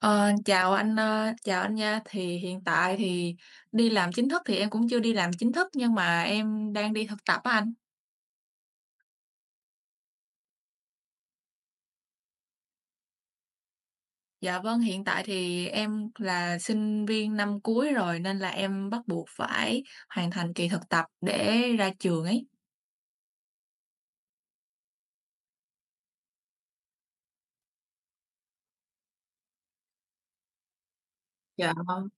Chào anh nha. Thì hiện tại thì đi làm chính thức thì em cũng chưa đi làm chính thức, nhưng mà em đang đi thực tập á anh. Dạ vâng, hiện tại thì em là sinh viên năm cuối rồi, nên là em bắt buộc phải hoàn thành kỳ thực tập để ra trường ấy. Dạ, vâng.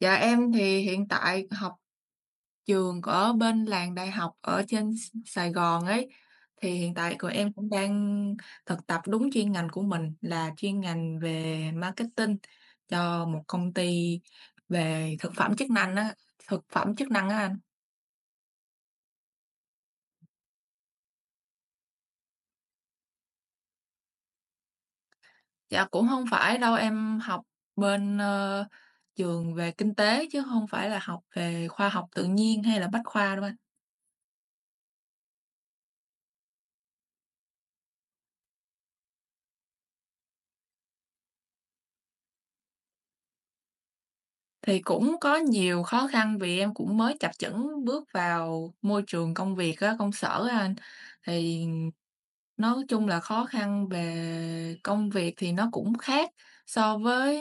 Dạ em thì hiện tại học trường ở bên làng đại học ở trên Sài Gòn ấy, thì hiện tại của em cũng đang thực tập đúng chuyên ngành của mình, là chuyên ngành về marketing cho một công ty về thực phẩm chức năng á, thực phẩm chức năng á anh. Dạ, cũng không phải đâu, em học bên, trường về kinh tế, chứ không phải là học về khoa học tự nhiên hay là bách khoa đâu anh. Thì cũng có nhiều khó khăn, vì em cũng mới chập chững bước vào môi trường công việc á, công sở á anh. Thì nói chung là khó khăn về công việc thì nó cũng khác so với,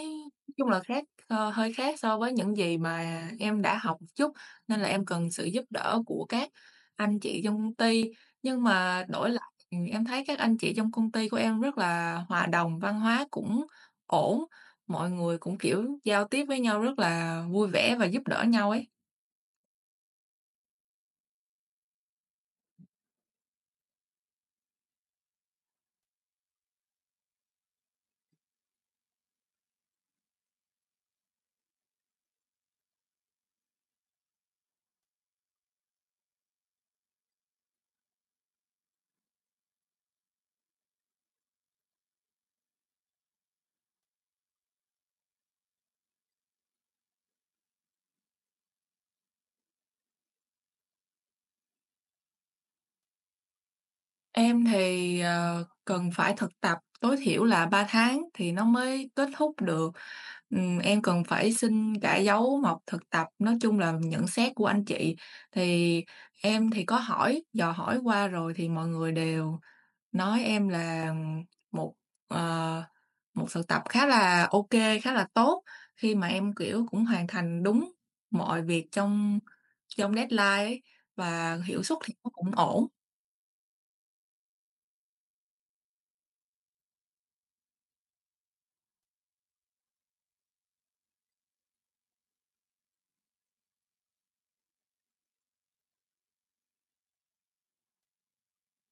nói chung là khác, hơi khác so với những gì mà em đã học một chút, nên là em cần sự giúp đỡ của các anh chị trong công ty. Nhưng mà đổi lại, em thấy các anh chị trong công ty của em rất là hòa đồng, văn hóa cũng ổn. Mọi người cũng, kiểu, giao tiếp với nhau rất là vui vẻ và giúp đỡ nhau ấy. Em thì, cần phải thực tập tối thiểu là 3 tháng thì nó mới kết thúc được. Em cần phải xin cả dấu mộc thực tập, nói chung là nhận xét của anh chị. Thì em thì có hỏi, dò hỏi qua rồi thì mọi người đều nói em là một, ờ, một thực tập khá là ok, khá là tốt, khi mà em, kiểu, cũng hoàn thành đúng mọi việc trong trong deadline ấy, và hiệu suất thì nó cũng ổn.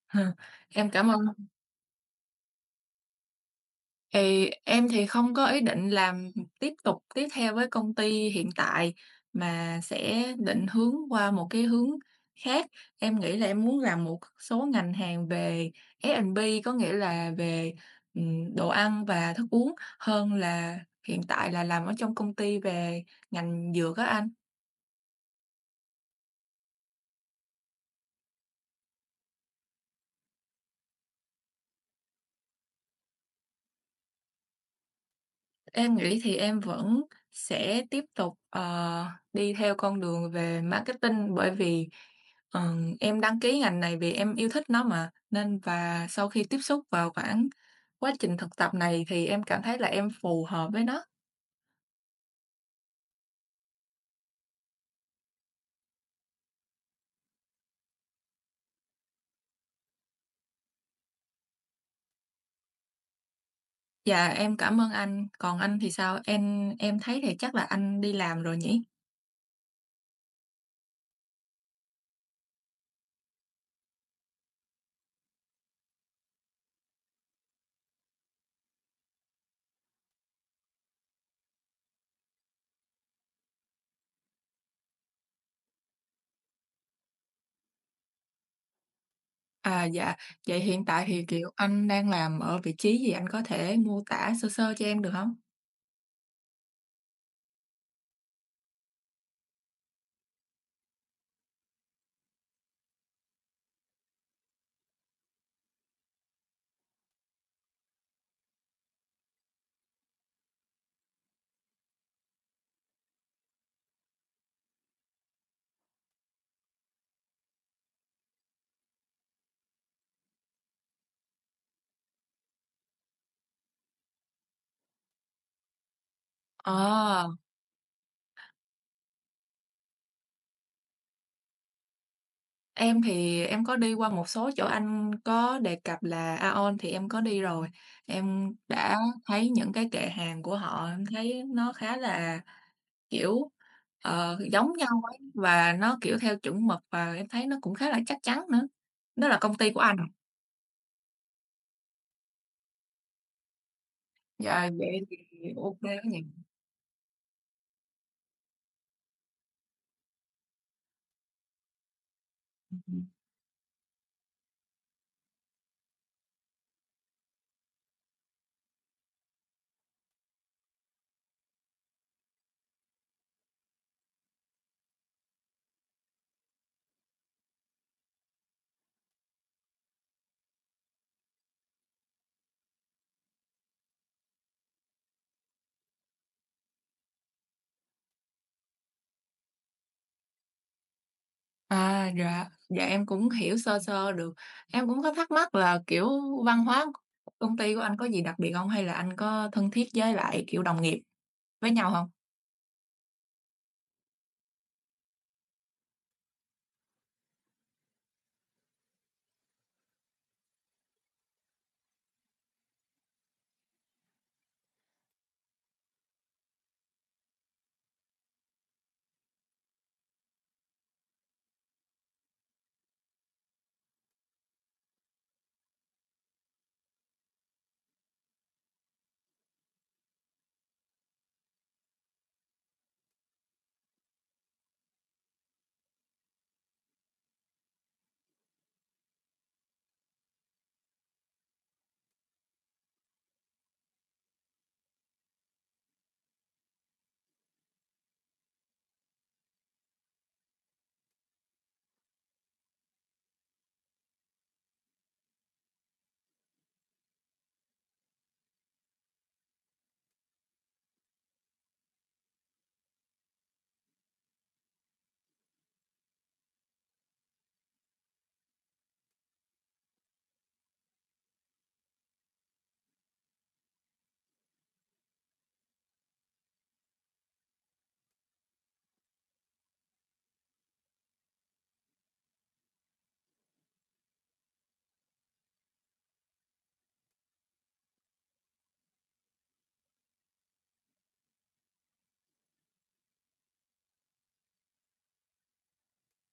Em cảm ơn. Thì em thì không có ý định làm tiếp tục, tiếp theo với công ty hiện tại, mà sẽ định hướng qua một cái hướng khác. Em nghĩ là em muốn làm một số ngành hàng về F&B, có nghĩa là về, đồ ăn và thức uống, hơn là hiện tại là làm ở trong công ty về ngành dược á anh. Em nghĩ thì em vẫn sẽ tiếp tục, đi theo con đường về marketing, bởi vì, em đăng ký ngành này vì em yêu thích nó mà, nên và sau khi tiếp xúc vào khoảng quá trình thực tập này thì em cảm thấy là em phù hợp với nó. Dạ, em cảm ơn anh, còn anh thì sao? Em thấy thì chắc là anh đi làm rồi nhỉ? À, dạ, vậy hiện tại thì, kiểu, anh đang làm ở vị trí gì? Anh có thể mô tả sơ sơ cho em được không? Ờ. Em thì em có đi qua một số chỗ anh có đề cập là AEON thì em có đi rồi. Em đã thấy những cái kệ hàng của họ, em thấy nó khá là, kiểu, giống nhau ấy, và nó, kiểu, theo chuẩn mực, và em thấy nó cũng khá là chắc chắn nữa. Nó là công ty của anh, dạ, vậy thì ok kê quá nhỉ. Ừm. À, dạ, dạ em cũng hiểu sơ sơ được. Em cũng có thắc mắc là, kiểu, văn hóa công ty của anh có gì đặc biệt không, hay là anh có thân thiết với lại, kiểu, đồng nghiệp với nhau hông?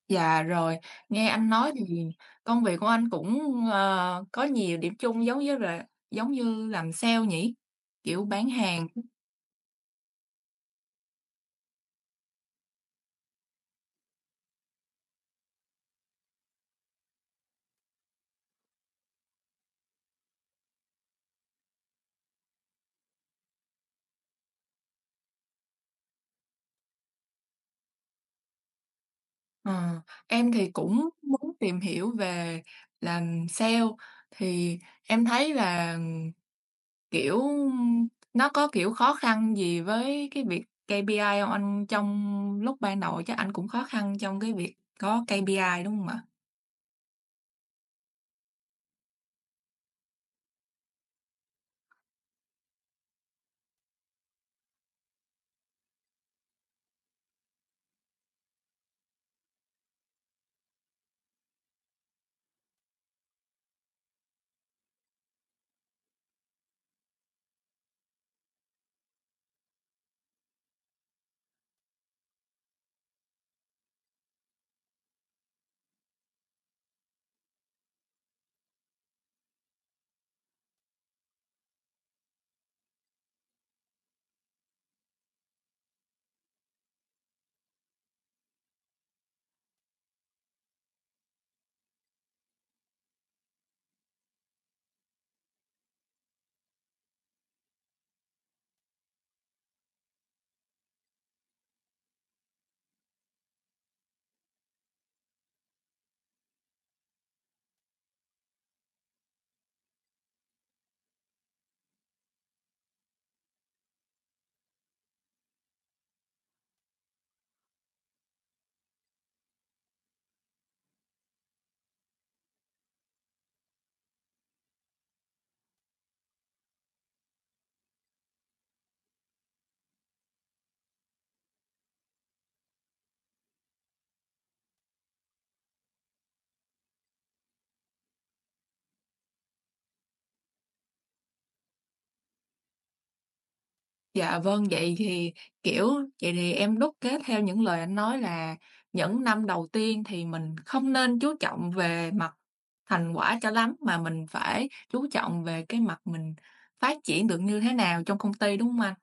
Dạ, rồi, nghe anh nói thì công việc của anh cũng, có nhiều điểm chung, giống với là giống như làm sale nhỉ? Kiểu bán hàng. Ờ, em thì cũng muốn tìm hiểu về làm sale, thì em thấy là, kiểu, nó có, kiểu, khó khăn gì với cái việc KPI hông anh? Trong lúc ban đầu chắc anh cũng khó khăn trong cái việc có KPI, đúng hông ạ? Dạ vâng, vậy thì, kiểu, vậy thì em đúc kết theo những lời anh nói là những năm đầu tiên thì mình không nên chú trọng về mặt thành quả cho lắm, mà mình phải chú trọng về cái mặt mình phát triển được như thế nào trong công ty, đúng không anh?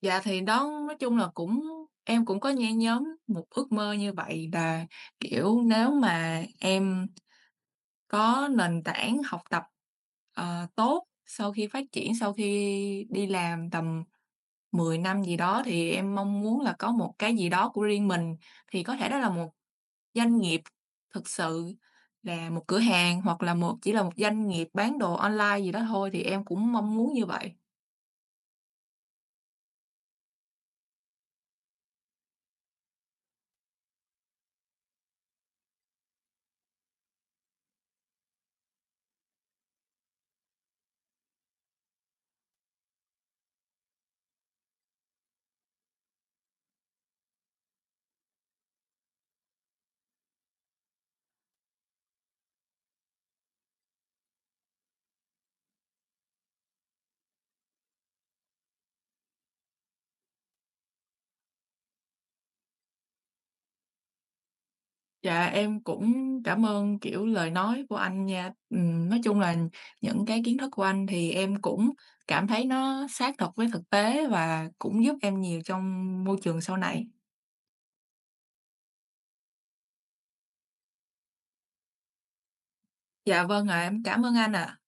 Dạ, thì đó, nói chung là cũng em cũng có nhen nhóm một ước mơ như vậy là, kiểu, nếu mà em có nền tảng học tập, tốt sau khi phát triển, sau khi đi làm tầm 10 năm gì đó, thì em mong muốn là có một cái gì đó của riêng mình, thì có thể đó là một doanh nghiệp thực sự, là một cửa hàng, hoặc là một, chỉ là một doanh nghiệp bán đồ online gì đó thôi, thì em cũng mong muốn như vậy. Dạ, em cũng cảm ơn, kiểu, lời nói của anh nha. Nói chung là những cái kiến thức của anh thì em cũng cảm thấy nó sát thật với thực tế, và cũng giúp em nhiều trong môi trường sau này. Dạ, vâng ạ, em cảm ơn anh ạ.